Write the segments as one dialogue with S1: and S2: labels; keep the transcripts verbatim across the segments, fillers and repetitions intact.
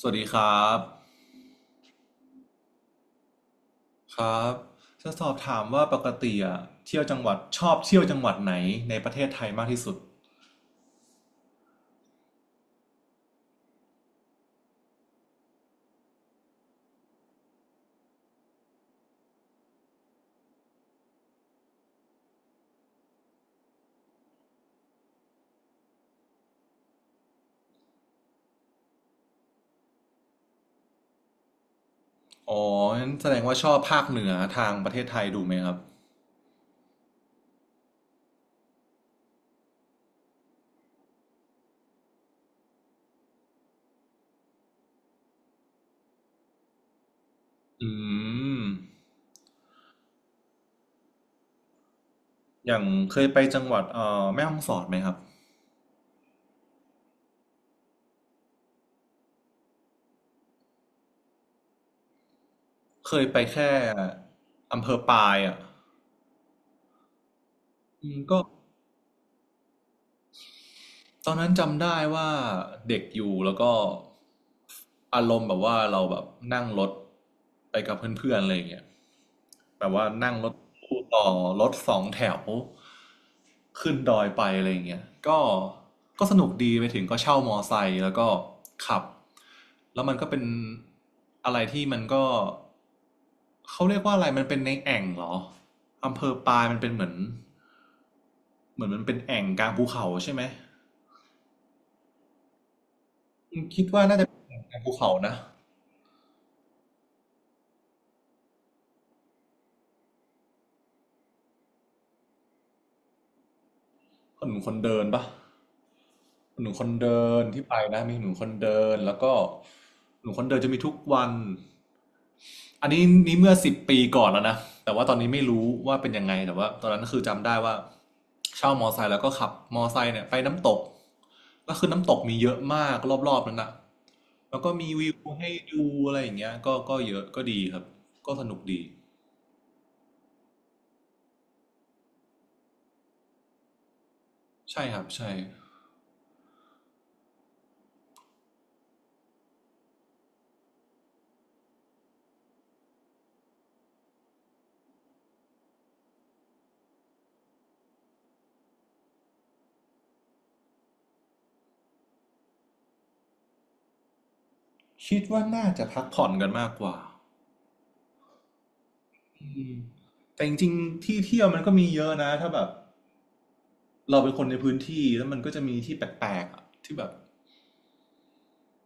S1: สวัสดีครับครับจะสอบถามว่าปกติอะเที่ยวจังหวัดชอบเที่ยวจังหวัดไหนในประเทศไทยมากที่สุดอ๋องั้นแสดงว่าชอบภาคเหนือทางประเทศไทยดูไหมครับอืมอย่างเคยไปจังหวัดเอ่อแม่ฮ่องสอดไหมครับเคยไปแค่อำเภอปายอ่ะอืมก็ตอนนั้นจำได้ว่าเด็กอยู่แล้วก็อารมณ์แบบว่าเราแบบนั่งรถไปกับเพื่อนๆอะไรอย่างเงี้ย แบบว่านั่งรถตู้ต่อรถสองแถวขึ้นดอยไปอะไรอย่างเงี้ยก็ก็สนุกดีไปถึงก็เช่ามอไซค์แล้วก็ขับแล้วมันก็เป็นอะไรที่มันก็เขาเรียกว่าอะไรมันเป็นในแอ่งเหรออำเภอปายมันเป็นเหมือนเหมือนมันเป็นแอ่งกลางภูเขาใช่ไหมคิดว่าน่าจะเป็นแอ่งกลางภูเขานะ หนหนมคนเดินปะหนหนมคนเดินที่ไปนะมีหน่มคนเดินแล้วก็หน่มคนเดินจะมีทุกวันอันนี้นี่เมื่อสิบปีก่อนแล้วนะแต่ว่าตอนนี้ไม่รู้ว่าเป็นยังไงแต่ว่าตอนนั้นคือจำได้ว่าเช่ามอไซค์แล้วก็ขับมอไซค์เนี่ยไปน้ำตกก็คือน้ำตกมีเยอะมากรอบๆนั้นนะแล้วก็มีวิวให้ดูอะไรอย่างเงี้ยก็ก็เยอะก็ดีครับก็สนุกดีใช่ครับใช่คิดว่าน่าจะพักผ่อนกันมากกว่า อืมแต่จริงๆที่เที่ยวมันก็มีเยอะนะถ้าแบบเราเป็นคนในพื้นที่แล้วมันก็จะมีที่แปลกๆอะที่แบบ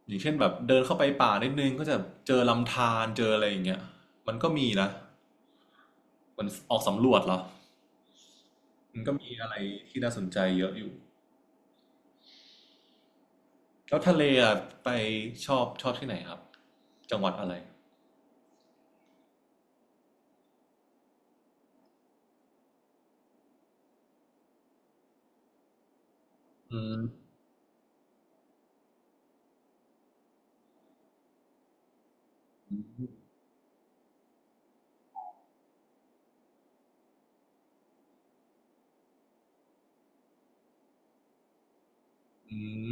S1: อย่างเช่นแบบเดินเข้าไปป่านิดนึงก็จะเจอลำธารเจออะไรอย่างเงี้ยมันก็มีนะมันออกสำรวจเหรอมันก็มีอะไรที่น่าสนใจเยอะอยู่แล้วทะเลอะไปชอบชอบที่ไหนครับจังหวัดอะไรอืมอืม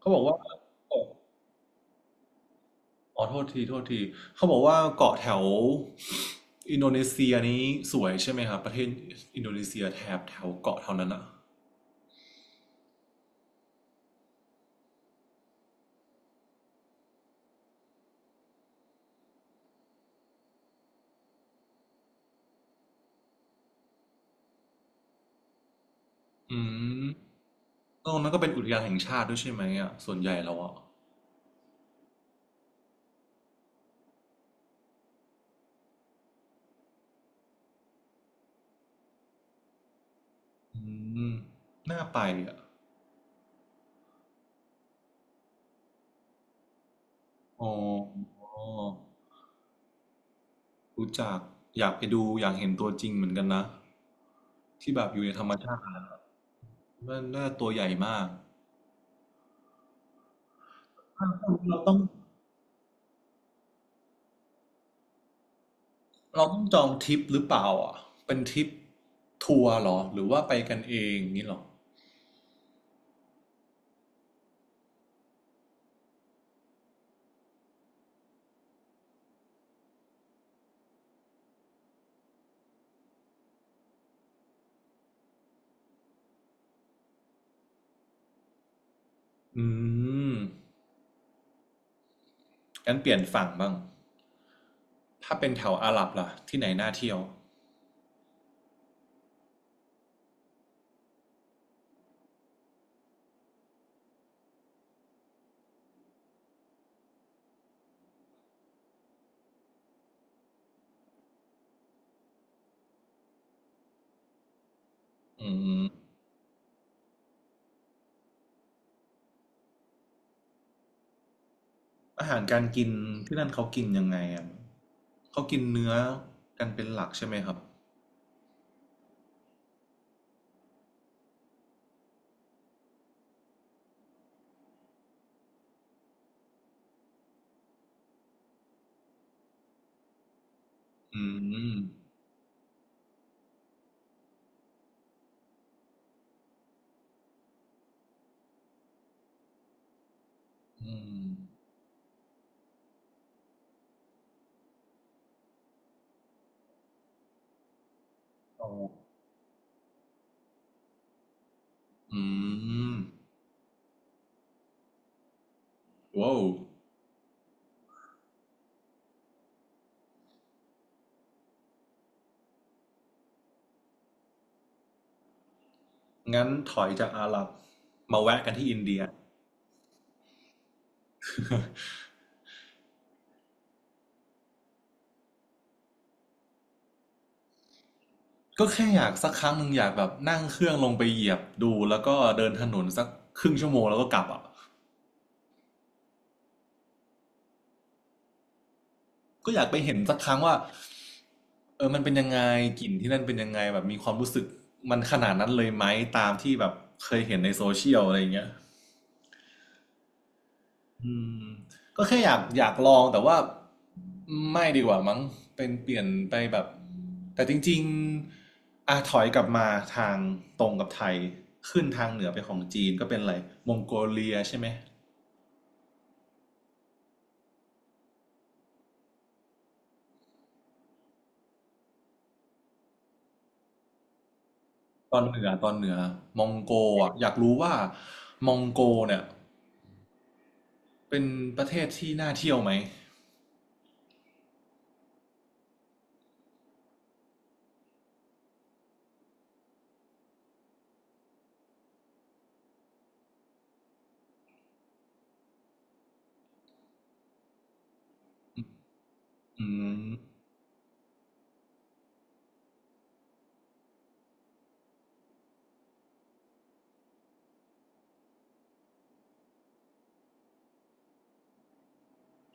S1: เขาบอกว่า อ๋อโทษทีโทษทีเขาบอกว่าเกาะแถวอินโดนีเซียนี้สวยใช่ไหมครับประเทศอินโดนีเซียแถบแถวเกาะแถวนั้นอ่ะอืมตรงนั้นก็เป็นอุทยานแห่งชาติด้วยใช่ไหมอ่ะส่วนใหญ่แล้วอ่ะอืมน่าไปอ่ะอ๋อรู้จักอยากไปดูอยากเห็นตัวจริงเหมือนกันนะที่แบบอยู่ในธรรมชาติมันน่าตัวใหญ่มากเราต้องเราต้องจองทริปหรือเปล่าอ่ะเป็นทริปทัวร์เหรอหรือว่าไปกันเองนี่หรอ อืมงั้นเปลี่ยนฝั่งบ้าง ถ้าเป็นแถวอาหรับล่ะที่ไหนน่าเที่ยวอืมอาหารการกินที่นั่นเขากินยังไงอ่ะเขากินเนื้อกันเป็นหลักใช่ไหมครับอืมอืมโอ้อืมว้าวงั้นถอยจากอาหรับมาแวะกันที่อินเดียก็แค่อยากสักครั้งหนึ่งอยากแบบนั่งเครื่องลงไปเหยียบดูแล้วก็เดินถนนสักครึ่งชั่วโมงแล้วก็กลับอ่ะ ก็อยากไปเห็นสักครั้งว่าเออมันเป็นยังไงกลิ่นที่นั่นเป็นยังไงแบบมีความรู้สึกมันขนาดนั้นเลยไหมตามที่แบบเคยเห็นในโซเชียลอะไรอย่างเงี้ยอืมก็แค่อยากอยากลองแต่ว่าไม่ดีกว่ามั้งเป็นเปลี่ยนไปแบบแต่จริงๆอ่ะถอยกลับมาทางตรงกับไทยขึ้นทางเหนือไปของจีนก็เป็นอะไรมองโกเลียใช่ไหมตอนเหนือตอนเหนือมองโกอ่ะอยากรู้ว่ามองโกเนี่ย เป็นประเทศที่น่าเที่ยวไหมอืม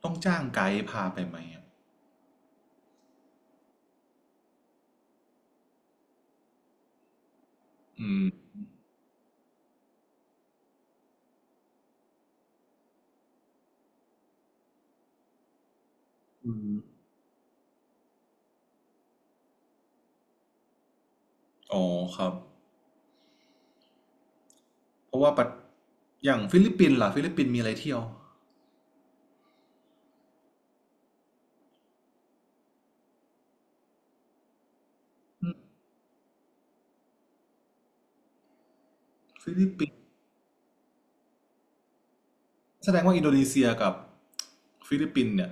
S1: ต้องจ้างไกด์พาไปไหมอะอืมอืมอ๋อครับเพราะว่าปัดอย่างฟิลิปปินส์ล่ะฟิลิปปินส์มีอะไรเที่ยวอืมฟิลิปปินส์แสดงว่าอินโดนีเซียกับฟิลิปปินส์เนี่ย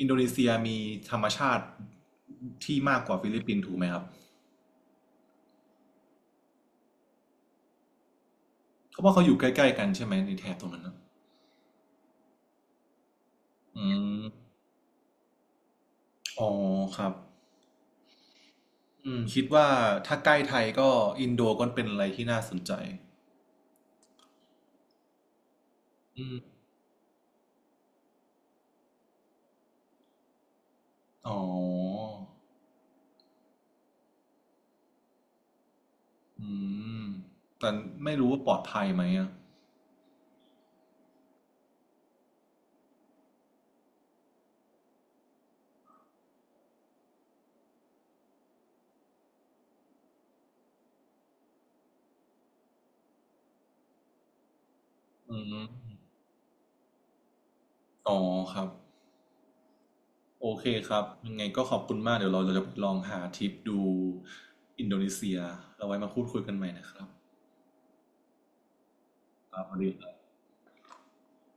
S1: อินโดนีเซียมีธรรมชาติที่มากกว่าฟิลิปปินส์ถูกไหมครับเพราะว่าเขาอยู่ใกล้ๆกันใช่ไหมในแถบตรงนั้นนะอืมอ๋อครับอืมคิดว่าถ้าใกล้ไทยก็อินโดก็เป็นอะไรที่น่าสนใจอืม อ๋ออืมแต่ไม่รู้ว่าปลอดภัยไหมอ่ะอืมอ๋อครับ โอเคครับ ยังไงก็ขอบคุณมากเดี๋ยวเราเราจะลองหาทริปดูอินโดนีเซียเราไว้มาพูดคุยกันใหม่นะครับครับสวัสดี